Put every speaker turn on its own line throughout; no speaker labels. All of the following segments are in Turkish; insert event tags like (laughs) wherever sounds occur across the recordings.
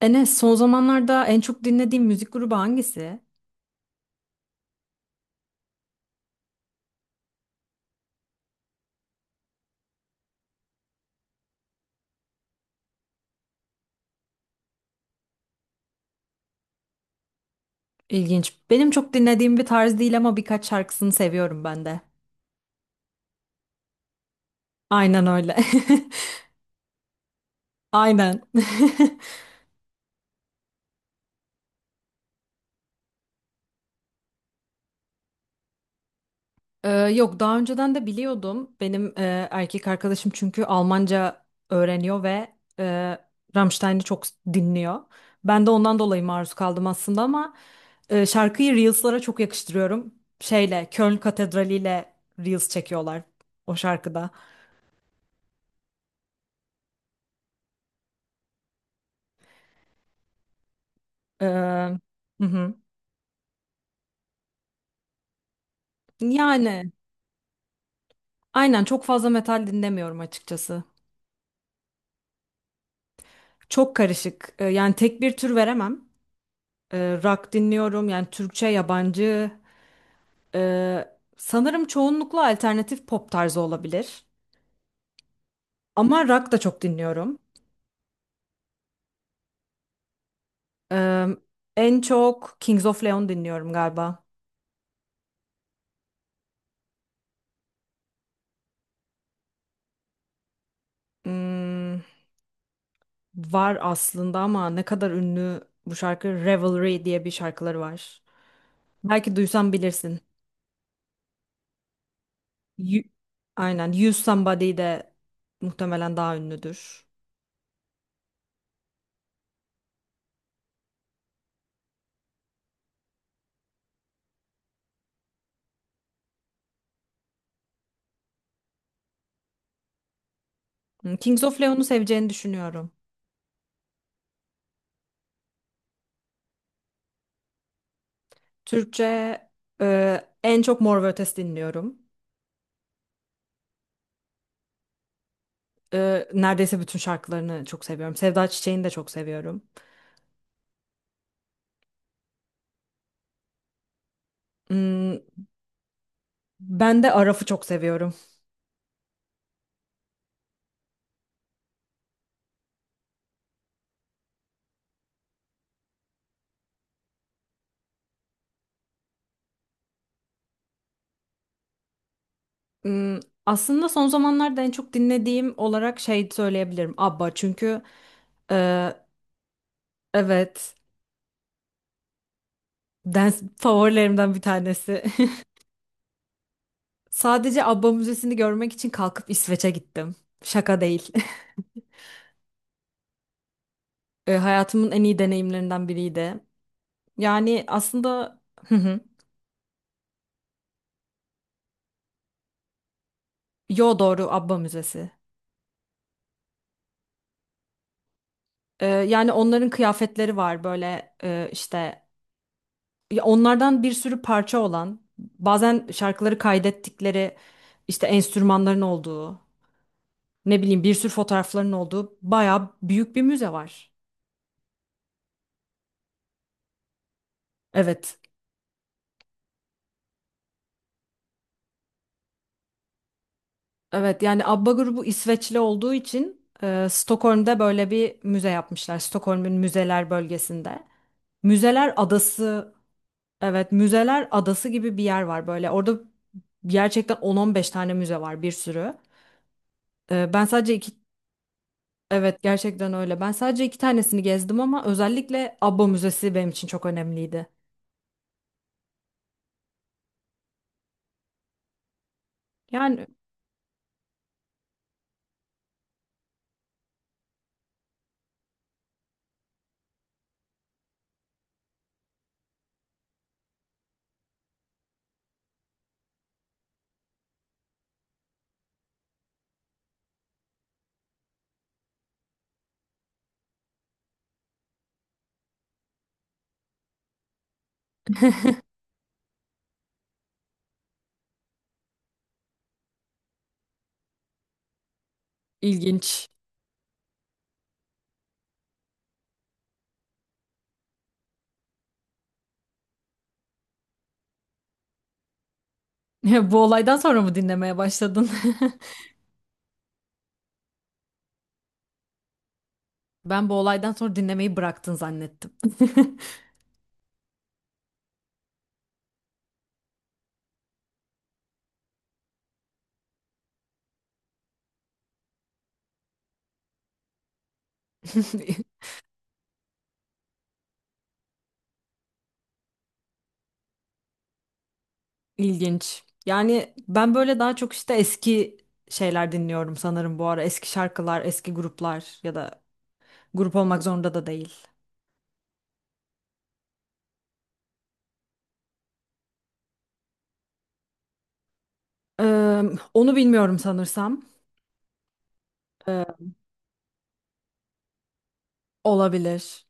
Enes, son zamanlarda en çok dinlediğim müzik grubu hangisi? İlginç. Benim çok dinlediğim bir tarz değil ama birkaç şarkısını seviyorum ben de. Aynen öyle. (laughs) Aynen. (laughs) Yok, daha önceden de biliyordum. Benim erkek arkadaşım çünkü Almanca öğreniyor ve e, Rammstein'i çok dinliyor. Ben de ondan dolayı maruz kaldım aslında ama şarkıyı Reels'lara çok yakıştırıyorum. Şeyle, Köln Katedrali ile Reels çekiyorlar o şarkıda. Hı hı. Yani aynen, çok fazla metal dinlemiyorum açıkçası. Çok karışık. Yani tek bir tür veremem. Rock dinliyorum yani, Türkçe, yabancı. Ee, Sanırım çoğunlukla alternatif pop tarzı olabilir. Ama rock da çok dinliyorum. Ee, En çok Kings of Leon dinliyorum galiba. Hmm, var aslında ama ne kadar ünlü bu şarkı, Revelry diye bir şarkıları var. Belki duysan bilirsin. You- Aynen. You Somebody de muhtemelen daha ünlüdür. Hmm, Kings of Leon'u seveceğini düşünüyorum. Türkçe en çok Mor ve Ötesi dinliyorum. E, neredeyse bütün şarkılarını çok seviyorum. Sevda Çiçek'ini de çok seviyorum. Hmm, ben de Araf'ı çok seviyorum. Hmm, aslında son zamanlarda en çok dinlediğim olarak şey söyleyebilirim: ABBA. Çünkü e, evet, dans favorilerimden bir tanesi. (laughs) Sadece ABBA müzesini görmek için kalkıp İsveç'e gittim. Şaka değil. (laughs) Hayatımın en iyi deneyimlerinden biriydi. Yani aslında, hı hı. Yo, doğru, ABBA müzesi. E, yani onların kıyafetleri var böyle, işte ya, onlardan bir sürü parça olan, bazen şarkıları kaydettikleri, işte enstrümanların olduğu, ne bileyim, bir sürü fotoğrafların olduğu bayağı büyük bir müze var. Evet. Evet, yani ABBA grubu İsveçli olduğu için Stockholm'da böyle bir müze yapmışlar. Stockholm'un müzeler bölgesinde. Müzeler Adası, evet, Müzeler Adası gibi bir yer var böyle. Orada gerçekten 10-15 tane müze var, bir sürü. Ben sadece iki, evet gerçekten öyle. Ben sadece iki tanesini gezdim ama özellikle ABBA Müzesi benim için çok önemliydi. Yani (laughs) ilginç. (laughs) Bu olaydan sonra mı dinlemeye başladın? (laughs) Ben bu olaydan sonra dinlemeyi bıraktın zannettim. (laughs) (laughs) İlginç. Yani ben böyle daha çok işte eski şeyler dinliyorum sanırım bu ara. Eski şarkılar, eski gruplar ya da grup olmak zorunda da değil. Ee, Onu bilmiyorum sanırsam. Ee, Olabilir.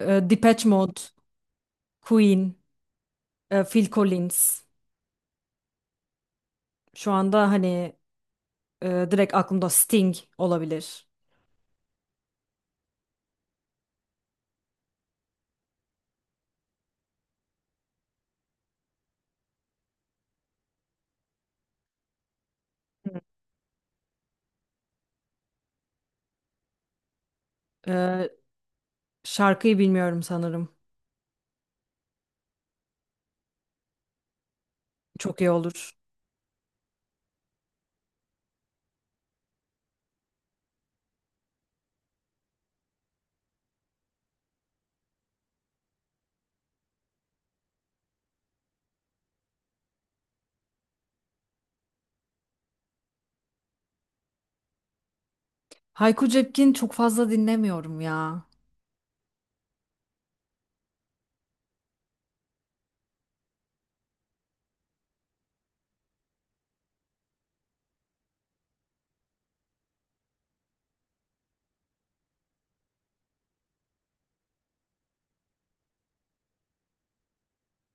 Depeche Mode, Queen, Phil Collins. Şu anda hani direkt aklımda Sting olabilir. Ee, Şarkıyı bilmiyorum sanırım. Çok iyi olur. Hayko Cepkin çok fazla dinlemiyorum ya.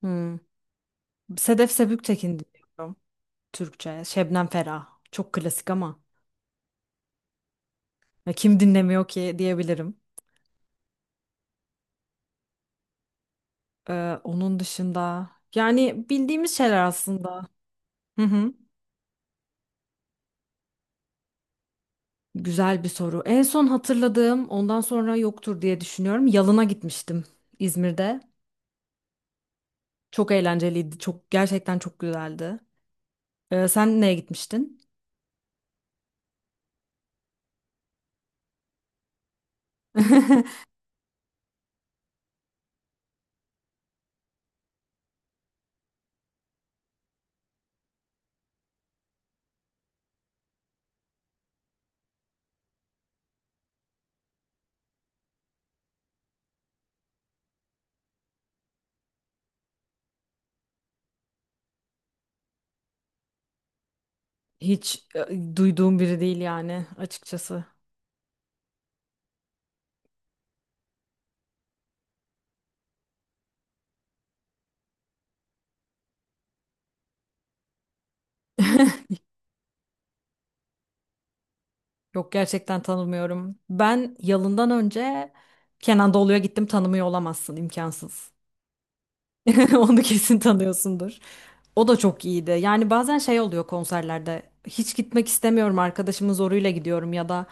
Hmm. Sedef Sebüktekin dinliyorum. Türkçe. Şebnem Ferah. Çok klasik ama. Ya kim dinlemiyor ki diyebilirim. Onun dışında yani bildiğimiz şeyler aslında. Hı hı. Güzel bir soru. En son hatırladığım, ondan sonra yoktur diye düşünüyorum. Yalın'a gitmiştim, İzmir'de. Çok eğlenceliydi. Çok, gerçekten çok güzeldi. Sen neye gitmiştin? (laughs) Hiç duyduğum biri değil yani açıkçası. Yok, gerçekten tanımıyorum. Ben Yalın'dan önce Kenan Doğulu'ya gittim, tanımıyor olamazsın, imkansız. (laughs) Onu kesin tanıyorsundur. O da çok iyiydi. Yani bazen şey oluyor konserlerde. Hiç gitmek istemiyorum, arkadaşımın zoruyla gidiyorum ya da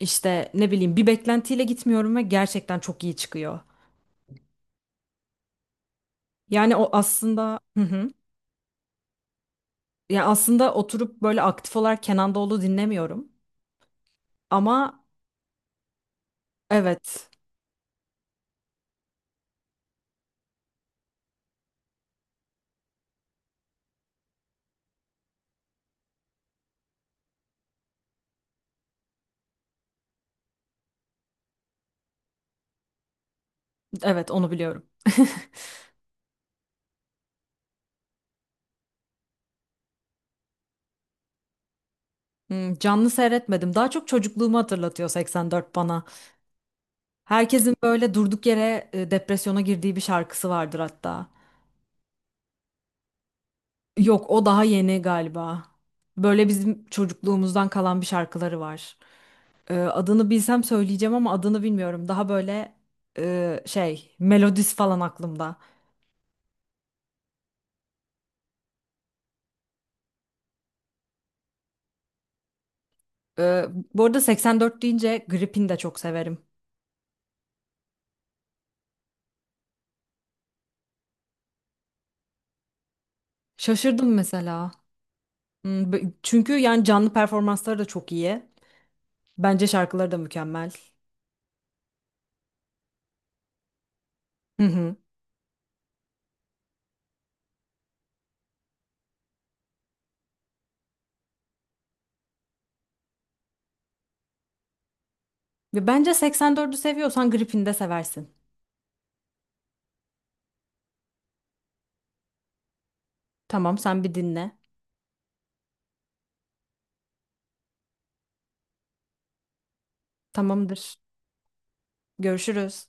işte ne bileyim bir beklentiyle gitmiyorum ve gerçekten çok iyi çıkıyor. Yani o aslında, hı hı. Ya aslında oturup böyle aktif olarak Kenan Doğulu dinlemiyorum. Ama evet, evet onu biliyorum. (laughs) Hmm, canlı seyretmedim. Daha çok çocukluğumu hatırlatıyor 84 bana. Herkesin böyle durduk yere depresyona girdiği bir şarkısı vardır hatta. Yok, o daha yeni galiba. Böyle bizim çocukluğumuzdan kalan bir şarkıları var. Adını bilsem söyleyeceğim ama adını bilmiyorum. Daha böyle şey melodisi falan aklımda. Ee, Bu arada 84 deyince Gripin de çok severim. Şaşırdım mesela. Hmm, çünkü yani canlı performansları da çok iyi. Bence şarkıları da mükemmel. Hı hı. Ve bence 84'ü seviyorsan Gripin de seversin. Tamam, sen bir dinle. Tamamdır. Görüşürüz.